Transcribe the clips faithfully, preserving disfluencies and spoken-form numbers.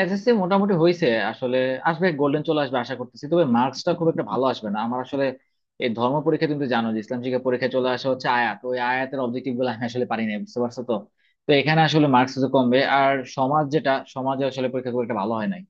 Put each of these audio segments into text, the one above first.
SSC মোটামুটি হয়েছে আসলে। আসবে, গোল্ডেন চলে আসবে আশা করতেছি, তবে মার্কসটা খুব একটা ভালো আসবে না আমার আসলে। এই ধর্ম পরীক্ষা, তুমি তো জানো যে ইসলাম শিক্ষা পরীক্ষায় চলে আসা হচ্ছে আয়াত, ওই আয়াতের অবজেক্টিভ গুলো আমি আসলে পারি না, বুঝতে পারছো তো। তো এখানে আসলে মার্কস তো কমবে, আর সমাজ, যেটা সমাজে আসলে পরীক্ষা খুব একটা ভালো হয় নাই।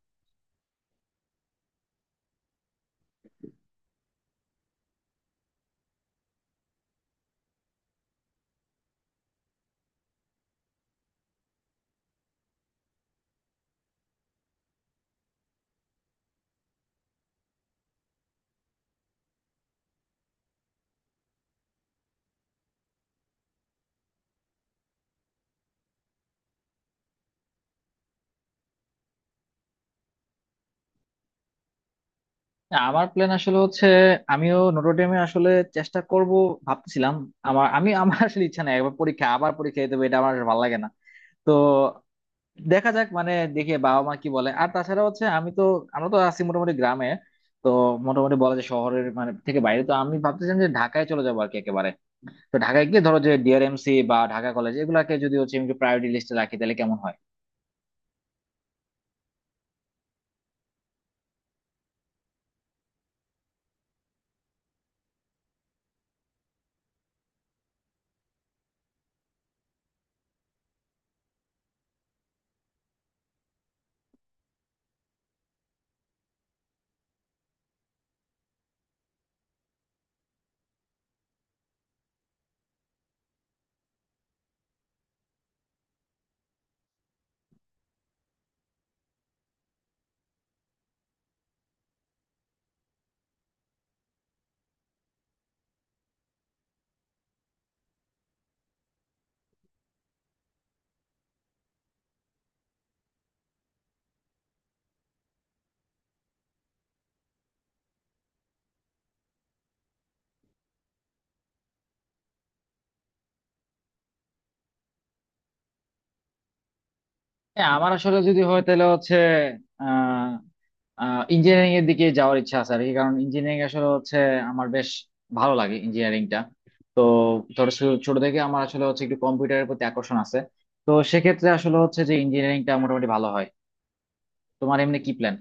না, আমার প্ল্যান আসলে হচ্ছে আমিও নোটোডেমে আসলে চেষ্টা করব, ভাবছিলাম। আমার আমি আমার আসলে ইচ্ছা নাই একবার পরীক্ষা আবার পরীক্ষা দিতে হবে, এটা আমার ভালো লাগে না। তো দেখা যাক, মানে দেখি বাবা মা কি বলে। আর তাছাড়া হচ্ছে আমি তো, আমরা তো আছি মোটামুটি গ্রামে। তো মোটামুটি বলা যায় শহরের মানে থেকে বাইরে, তো আমি ভাবতেছিলাম যে ঢাকায় চলে যাবো আর কি একেবারে। তো ঢাকায় গিয়ে ধরো যে ডিআরএমসি বা ঢাকা কলেজ, এগুলাকে যদি হচ্ছে আমি প্রায়োরিটি লিস্টে রাখি তাহলে কেমন হয়? হ্যাঁ, আমার আসলে যদি হয় তাহলে হচ্ছে আহ ইঞ্জিনিয়ারিং এর দিকে যাওয়ার ইচ্ছা আছে আর কি। কারণ ইঞ্জিনিয়ারিং আসলে হচ্ছে আমার বেশ ভালো লাগে ইঞ্জিনিয়ারিংটা। ধরো শু- ছোট থেকে আমার আসলে হচ্ছে একটু কম্পিউটারের প্রতি আকর্ষণ আছে। তো সেক্ষেত্রে আসলে হচ্ছে যে ইঞ্জিনিয়ারিংটা মোটামুটি ভালো হয়। তোমার এমনি কি প্ল্যান?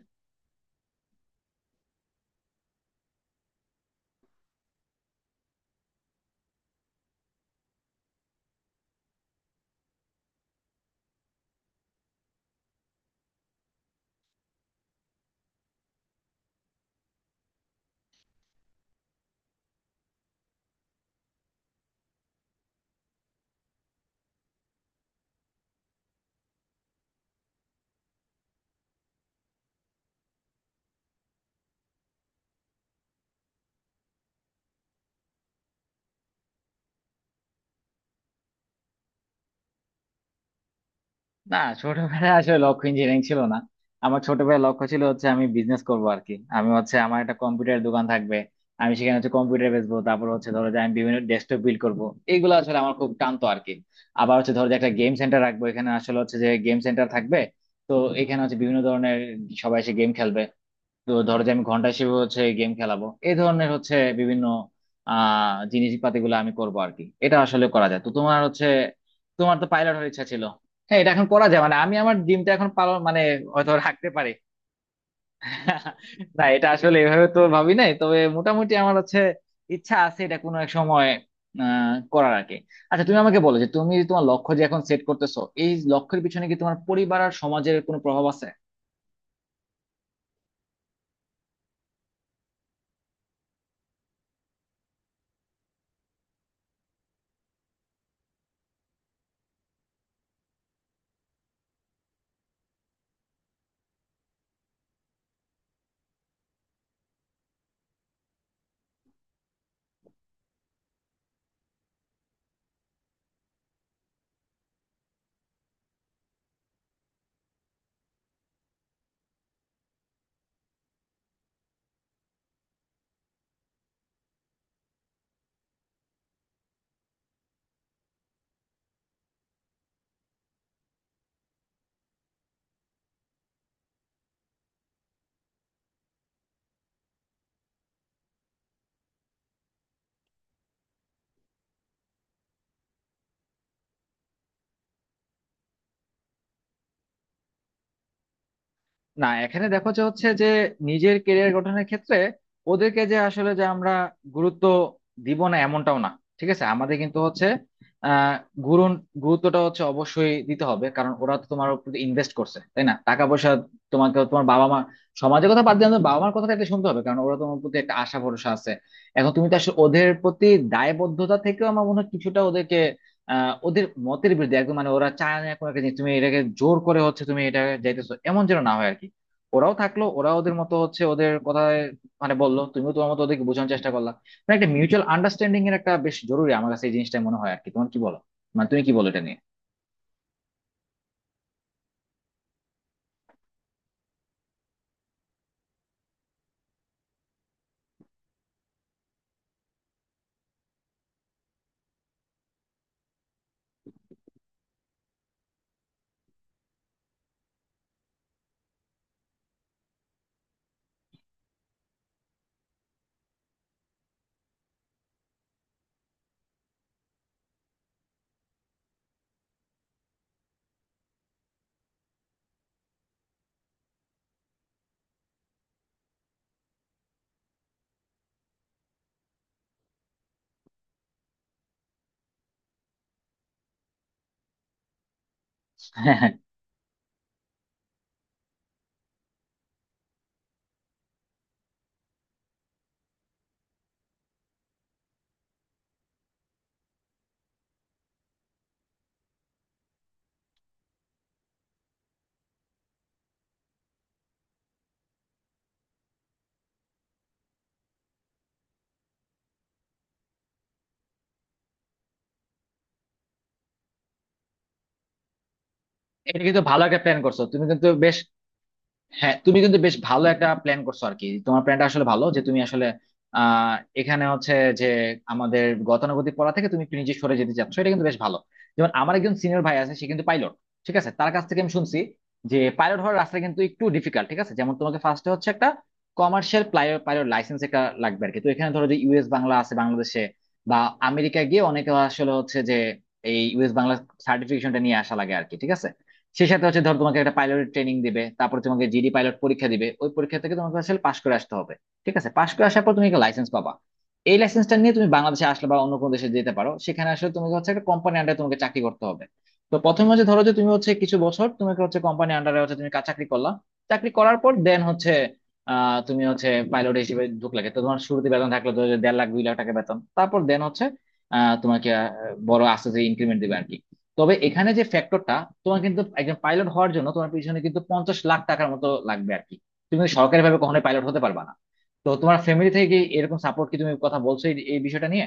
না, ছোটবেলায় আসলে লক্ষ্য ইঞ্জিনিয়ারিং ছিল না। আমার ছোটবেলায় লক্ষ্য ছিল হচ্ছে আমি বিজনেস করবো আর কি। আমি হচ্ছে আমার একটা কম্পিউটার দোকান থাকবে, আমি সেখানে হচ্ছে কম্পিউটার বেচবো। তারপর হচ্ছে ধরো যে আমি বিভিন্ন ডেস্কটপ বিল্ড করবো, এইগুলো আসলে আমার খুব টানতো আর কি। আবার হচ্ছে ধরো যে একটা গেম সেন্টার রাখবো, এখানে আসলে হচ্ছে যে গেম সেন্টার থাকবে। তো এখানে হচ্ছে বিভিন্ন ধরনের, সবাই এসে গেম খেলবে। তো ধরো যে আমি ঘন্টা হিসেবে হচ্ছে গেম খেলাবো, এই ধরনের হচ্ছে বিভিন্ন আহ জিনিসপাতিগুলো আমি করবো আর কি। এটা আসলে করা যায় তো। তোমার হচ্ছে, তোমার তো পাইলট হওয়ার ইচ্ছা ছিল, হ্যাঁ এটা এখন করা যায়, মানে আমি আমার ড্রিমটা এখন পালন মানে হয়তো রাখতে পারি। না, এটা আসলে এভাবে তো ভাবি নাই, তবে মোটামুটি আমার হচ্ছে ইচ্ছা আছে এটা কোনো এক সময় আহ করার আর কি। আচ্ছা, তুমি আমাকে বলো যে তুমি তোমার লক্ষ্য যে এখন সেট করতেছো, এই লক্ষ্যের পিছনে কি তোমার পরিবার আর সমাজের কোনো প্রভাব আছে? না, এখানে দেখো যে হচ্ছে যে নিজের কেরিয়ার গঠনের ক্ষেত্রে ওদেরকে যে আসলে যে আমরা গুরুত্ব দিব না, এমনটাও না। ঠিক আছে, আমাদের কিন্তু হচ্ছে আহ গুরুন- গুরুত্বটা হচ্ছে অবশ্যই দিতে হবে, কারণ ওরা তো তোমার প্রতি ইনভেস্ট করছে, তাই না? টাকা পয়সা তোমাকে তোমার বাবা মা। সমাজের কথা বাদ দিয়ে আমাদের বাবা মার কথাটা একটা শুনতে হবে, কারণ ওরা তোমার প্রতি একটা আশা ভরসা আছে। এখন তুমি তো আসলে ওদের প্রতি দায়বদ্ধতা থেকেও আমার মনে হয় কিছুটা ওদেরকে আহ ওদের মতের বিরুদ্ধে একদম, মানে ওরা চায় না কোনো একটা জিনিস, তুমি এটাকে জোর করে হচ্ছে তুমি এটা যাইতেছো, এমন যেন না হয় আর কি। ওরাও থাকলো, ওরা ওদের মতো হচ্ছে ওদের কথায় মানে বললো, তুমিও তোমার মতো ওদেরকে বোঝানোর চেষ্টা করলা। মানে একটা মিউচুয়াল আন্ডারস্ট্যান্ডিং এর একটা বেশ জরুরি আমার কাছে এই জিনিসটা মনে হয় আর কি। তোমার কি বলো, মানে তুমি কি বলো এটা নিয়ে? হ্যাঁ, হ্যাঁ, এটা কিন্তু ভালো একটা প্ল্যান করছো তুমি কিন্তু বেশ। হ্যাঁ, তুমি কিন্তু বেশ ভালো একটা প্ল্যান করছো আর কি। তোমার প্ল্যানটা আসলে ভালো যে তুমি আসলে আহ এখানে হচ্ছে যে আমাদের গতানুগতিক পড়া থেকে তুমি একটু নিজে সরে যেতে চাচ্ছ, এটা কিন্তু বেশ ভালো। যেমন আমার একজন সিনিয়র ভাই আছে, সে কিন্তু পাইলট। ঠিক আছে, তার কাছ থেকে আমি শুনছি যে পাইলট হওয়ার রাস্তা কিন্তু একটু ডিফিকাল্ট। ঠিক আছে, যেমন তোমাকে ফার্স্টে হচ্ছে একটা কমার্শিয়াল পাইলট লাইসেন্স একটা লাগবে আর কি। তো এখানে ধরো যে ইউএস বাংলা আছে বাংলাদেশে, বা আমেরিকা গিয়ে অনেকে আসলে হচ্ছে যে এই ইউএস বাংলা সার্টিফিকেশনটা নিয়ে আসা লাগে আর কি। ঠিক আছে, সে সাথে হচ্ছে ধর তোমাকে একটা পাইলট ট্রেনিং দিবে, তারপর তোমাকে জিডি পাইলট পরীক্ষা দিবে, ওই পরীক্ষা থেকে তোমাকে আসলে পাশ করে আসতে হবে। ঠিক আছে, পাশ করে আসার পর তুমি একটা লাইসেন্স পাবা। এই লাইসেন্সটা নিয়ে তুমি বাংলাদেশে আসলে বা অন্য কোনো দেশে যেতে পারো, সেখানে আসলে তোমাকে হচ্ছে একটা কোম্পানি আন্ডারে তোমাকে চাকরি করতে হবে। তো প্রথমে হচ্ছে ধরো যে তুমি হচ্ছে কিছু বছর তোমাকে হচ্ছে কোম্পানি আন্ডারে হচ্ছে তুমি কাজ চাকরি করলা। চাকরি করার পর দেন হচ্ছে আহ তুমি হচ্ছে পাইলট হিসেবে ঢুকলাকে, তো তোমার শুরুতে বেতন থাকলো ধরো যে দেড় লাখ দুই লাখ টাকা বেতন। তারপর দেন হচ্ছে আহ তোমাকে আহ, বড় আস্তে আস্তে ইনক্রিমেন্ট দিবে আর কি। তবে এখানে যে ফ্যাক্টরটা, তোমার কিন্তু একজন পাইলট হওয়ার জন্য তোমার পিছনে কিন্তু পঞ্চাশ লাখ টাকার মতো লাগবে আর কি। তুমি সরকারি ভাবে কখনোই পাইলট হতে পারবা না। তো তোমার ফ্যামিলি থেকে কি এরকম সাপোর্ট, কি তুমি কথা বলছো এই এই বিষয়টা নিয়ে?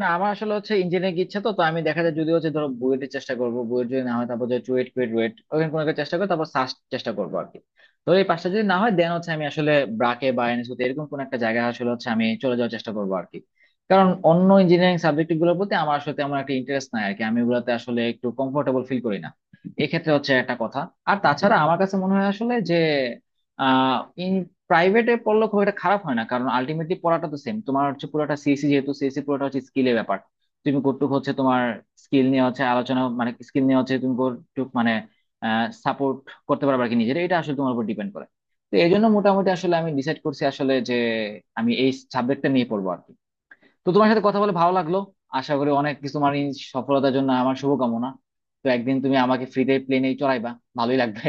না, আমার আসলে হচ্ছে ইঞ্জিনিয়ারিং ইচ্ছা। তো তো আমি দেখা যায় যদি হচ্ছে ধরো বুয়েটের চেষ্টা করবো, বুয়েট যদি না হয় তারপর যে চুয়েট, কুয়েট, রুয়েট ওখানে কোনো একটা চেষ্টা করবো, তারপর সাস্ট চেষ্টা করবো আর কি। তো এই পাঁচটা যদি না হয় দেন হচ্ছে আমি আসলে ব্রাকে বা এনএসইউতে এরকম কোনো একটা জায়গায় আসলে হচ্ছে আমি চলে যাওয়ার চেষ্টা করবো আর কি। কারণ অন্য ইঞ্জিনিয়ারিং সাবজেক্ট গুলোর প্রতি আমার আসলে তেমন একটা ইন্টারেস্ট নাই আর কি, আমি ওগুলাতে আসলে একটু কমফোর্টেবল ফিল করি না। এক্ষেত্রে হচ্ছে একটা কথা। আর তাছাড়া আমার কাছে মনে হয় আসলে যে প্রাইভেটে পড়লে খুব একটা খারাপ হয় না, কারণ আলটিমেটলি পড়াটা তো সেম। তোমার হচ্ছে পুরোটা সিএসসি, যেহেতু সিএসসি পুরোটা হচ্ছে স্কিলের ব্যাপার। তুমি কতটুকু হচ্ছে তোমার স্কিল নিয়ে হচ্ছে আলোচনা, মানে স্কিল নিয়ে হচ্ছে তুমি কতটুকু মানে সাপোর্ট করতে পারবে আর কি নিজের, এটা আসলে তোমার উপর ডিপেন্ড করে। তো এই জন্য মোটামুটি আসলে আমি ডিসাইড করছি আসলে যে আমি এই সাবজেক্টটা নিয়ে পড়বো আর কি। তো তোমার সাথে কথা বলে ভালো লাগলো। আশা করি অনেক কিছু তোমার এই সফলতার জন্য আমার শুভকামনা। তো একদিন তুমি আমাকে ফ্রিতে প্লেনে চড়াইবা, ভালোই লাগবে।